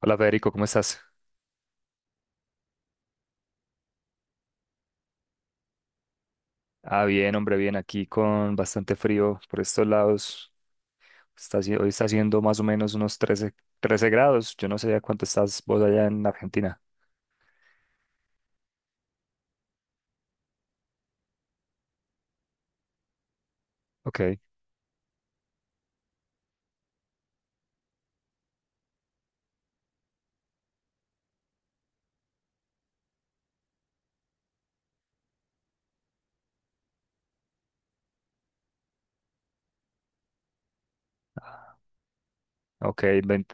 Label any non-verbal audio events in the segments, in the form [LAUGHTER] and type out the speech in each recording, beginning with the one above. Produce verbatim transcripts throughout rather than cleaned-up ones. Hola Federico, ¿cómo estás? Ah, bien, hombre, bien, aquí con bastante frío por estos lados. Está, haci- hoy está haciendo más o menos unos trece, trece grados. Yo no sé a cuánto estás vos allá en Argentina. Ok, ok. ven-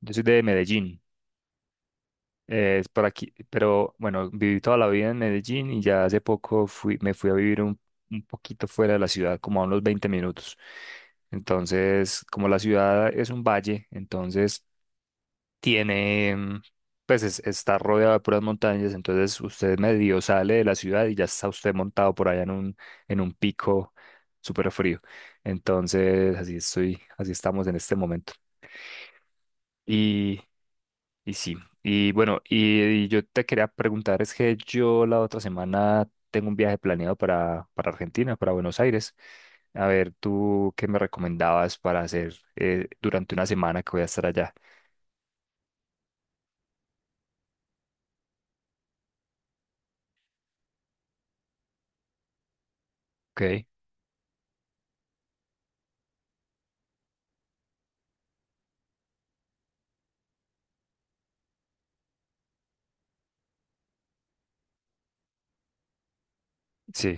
Yo soy de Medellín, eh, es por aquí, pero bueno, viví toda la vida en Medellín y ya hace poco fui, me fui a vivir un, un poquito fuera de la ciudad, como a unos veinte minutos. Entonces, como la ciudad es un valle, entonces tiene, mm, pues es- está rodeado de puras montañas, entonces usted medio sale de la ciudad y ya está usted montado por allá en un, en un pico súper frío. Entonces, así estoy, así estamos en este momento. Y, y sí, y bueno, y, y yo te quería preguntar, es que yo la otra semana tengo un viaje planeado para, para Argentina, para Buenos Aires. A ver, ¿tú qué me recomendabas para hacer eh, durante una semana que voy a estar allá? Ok, sí.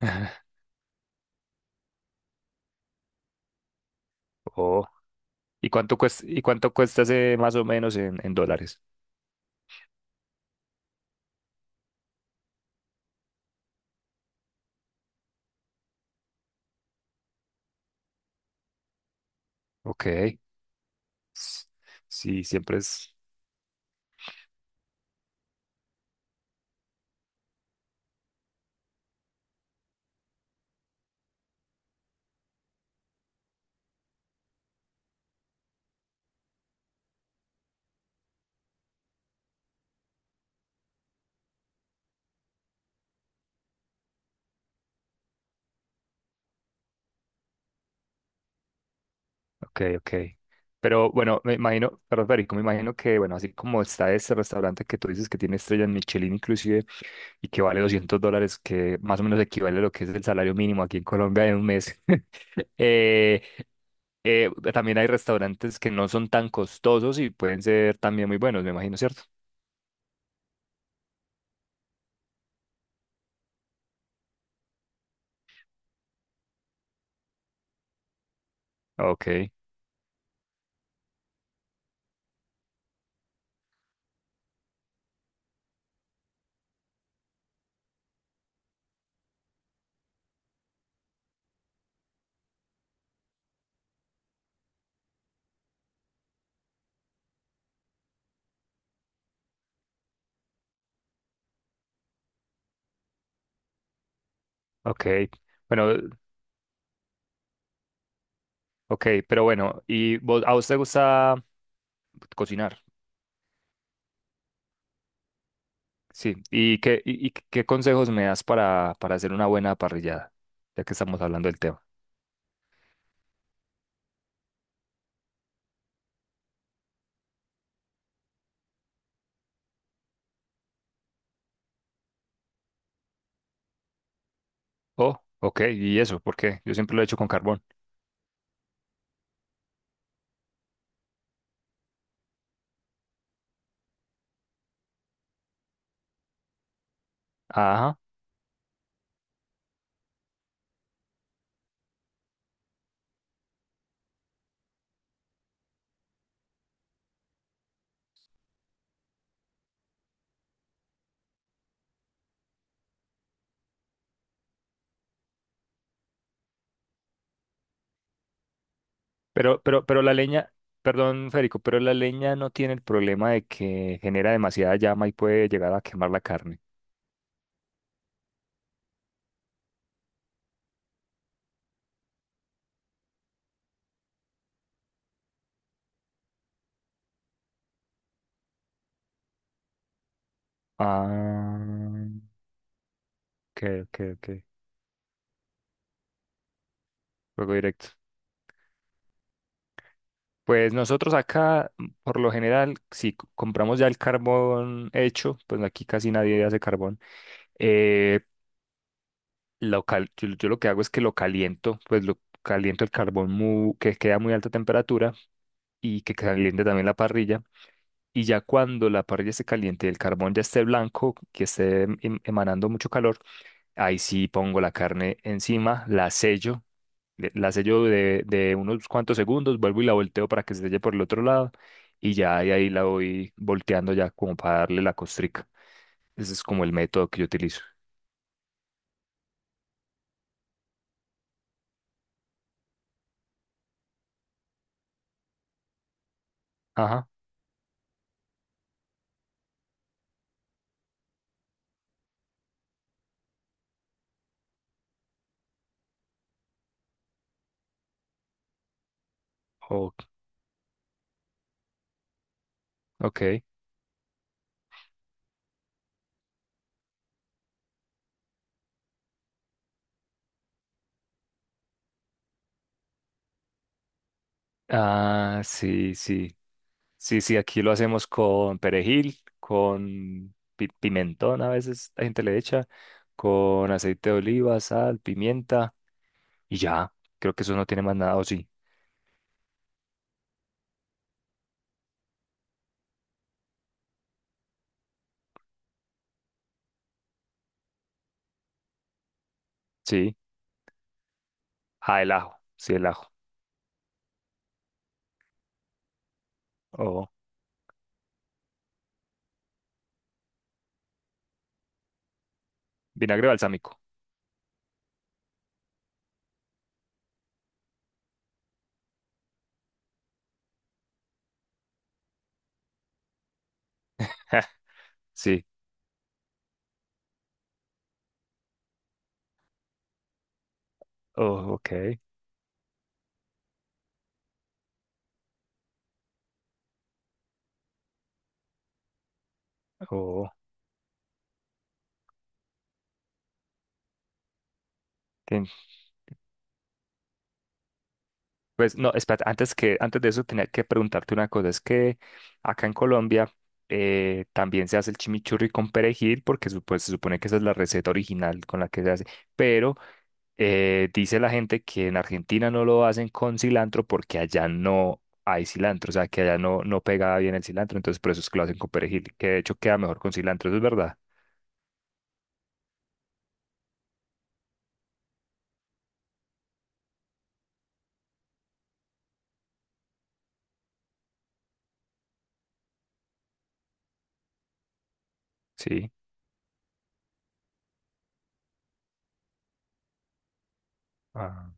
[LAUGHS] Oh. ¿Y cuánto cuesta, y cuánto cuesta ese más o menos en, en dólares? Ok. S- Sí, siempre es. Ok, ok. Pero bueno, me imagino, perdón, Federico, me imagino que, bueno, así como está este restaurante que tú dices que tiene estrellas Michelin inclusive y que vale doscientos dólares, que más o menos equivale a lo que es el salario mínimo aquí en Colombia en un mes. [LAUGHS] eh, eh, también hay restaurantes que no son tan costosos y pueden ser también muy buenos, me imagino, ¿cierto? Ok, ok. Bueno, ok, pero bueno, ¿y vos- a vos te gusta cocinar? Sí. ¿Y qué, y, y qué consejos me das para, para hacer una buena parrillada? Ya que estamos hablando del tema. Oh, ok, ¿y eso? ¿Por qué? Yo siempre lo he hecho con carbón. Ajá. Pero, pero, pero la leña, perdón, Federico, pero la leña no tiene el problema de que genera demasiada llama y puede llegar a quemar la carne. Ah, ok, ok, ok. Fuego directo. Pues nosotros acá, mm, por lo general, si c- compramos ya el carbón hecho, pues aquí casi nadie hace carbón. eh, lo cal- yo, yo lo que hago es que lo caliento, pues lo caliento el carbón mu- que queda a muy alta temperatura y que caliente también la parrilla. Y ya cuando la parrilla esté caliente y el carbón ya esté blanco, que esté em- emanando mucho calor, ahí sí pongo la carne encima, la sello le- la sello de, de unos cuantos segundos, vuelvo y la volteo para que se selle por el otro lado y ya de ahí la voy volteando ya como para darle la costrica. Ese es como el método que yo utilizo. Ajá. o- ok. Ah, sí, sí. Sí, sí, aquí lo hacemos con perejil, con pi- pimentón, a veces la gente le echa, con aceite de oliva, sal, pimienta y ya. Creo que eso no tiene más nada, o sí. Sí. Ah, el ajo. Sí, el ajo. O vinagre balsámico. [LAUGHS] Sí. Oh, ok. Oh, ten- pues no, espera, antes que, antes de eso tenía que preguntarte una cosa. Es que acá en Colombia eh, también se hace el chimichurri con perejil, porque supo- se supone que esa es la receta original con la que se hace. Pero eh, dice la gente que en Argentina no lo hacen con cilantro porque allá no hay cilantro, o sea, que allá no, no pega bien el cilantro, entonces por eso es que lo hacen con perejil, que de hecho queda mejor con cilantro, ¿eso es verdad? Sí. Ah.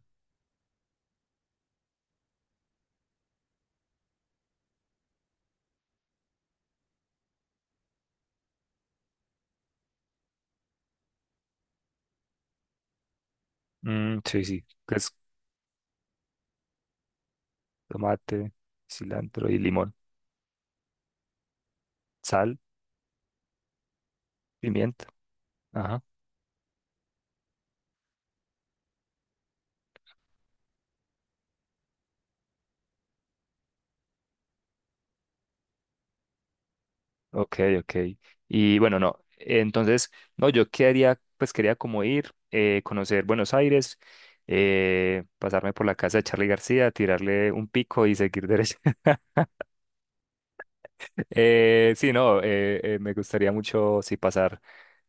Mm, sí, sí. Que es tomate, cilantro y limón. Sal, pimienta. Ajá. Ok, ok. Y bueno, no. Entonces, no, yo quería, pues quería como ir, eh, conocer Buenos Aires, eh, pasarme por la casa de Charly García, tirarle un pico y seguir derecho. [LAUGHS] Eh, sí, no, eh, eh, me gustaría mucho, sí, pasar.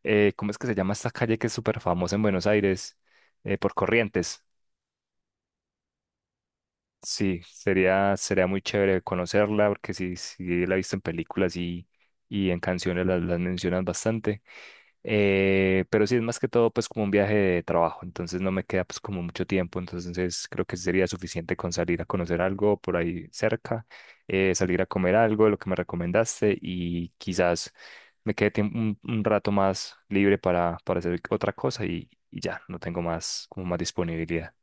eh, ¿cómo es que se llama esta calle que es súper famosa en Buenos Aires? Eh, por Corrientes. Sí, sería, sería muy chévere conocerla, porque sí, sí la he visto en películas y, y en canciones las las mencionan bastante. Eh, pero sí, es más que todo pues como un viaje de trabajo, entonces no me queda pues como mucho tiempo, entonces creo que sería suficiente con salir a conocer algo por ahí cerca, eh, salir a comer algo, lo que me recomendaste y quizás me quede tiemp- un, un rato más libre para, para hacer otra cosa y, y ya, no tengo más como más disponibilidad.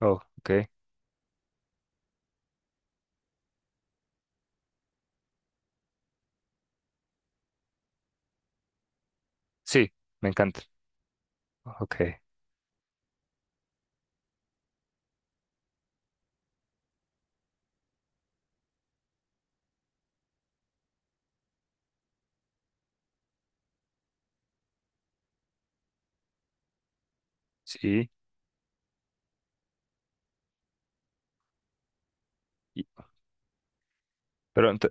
Oh, ok. Sí, me encanta. Ok, sí. y- Pero ento-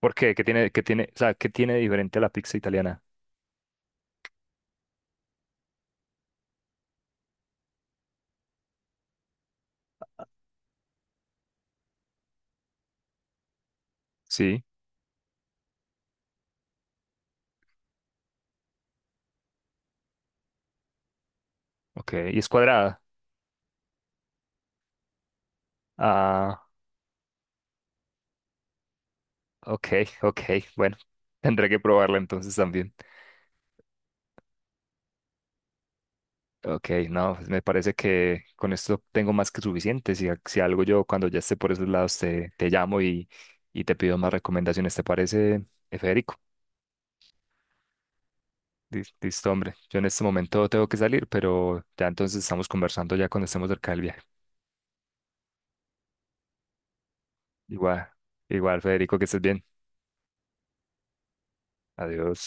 ¿por qué? ¿Qué tiene, qué tiene, o sea, qué tiene de diferente a la pizza italiana? Sí, ok. Y es cuadrada. Ah, ok, ok, bueno, [LAUGHS] tendré que probarla entonces también. Ok, no, pues me parece que con esto tengo más que suficiente. Si, a- si algo yo cuando ya esté por esos lados te, te llamo y, y te pido más recomendaciones, ¿te parece, eh, Federico? Lis- Listo, hombre. Yo en este momento tengo que salir, pero ya entonces estamos conversando ya cuando estemos cerca del viaje. Igual, igual, Federico, que estés bien. Adiós.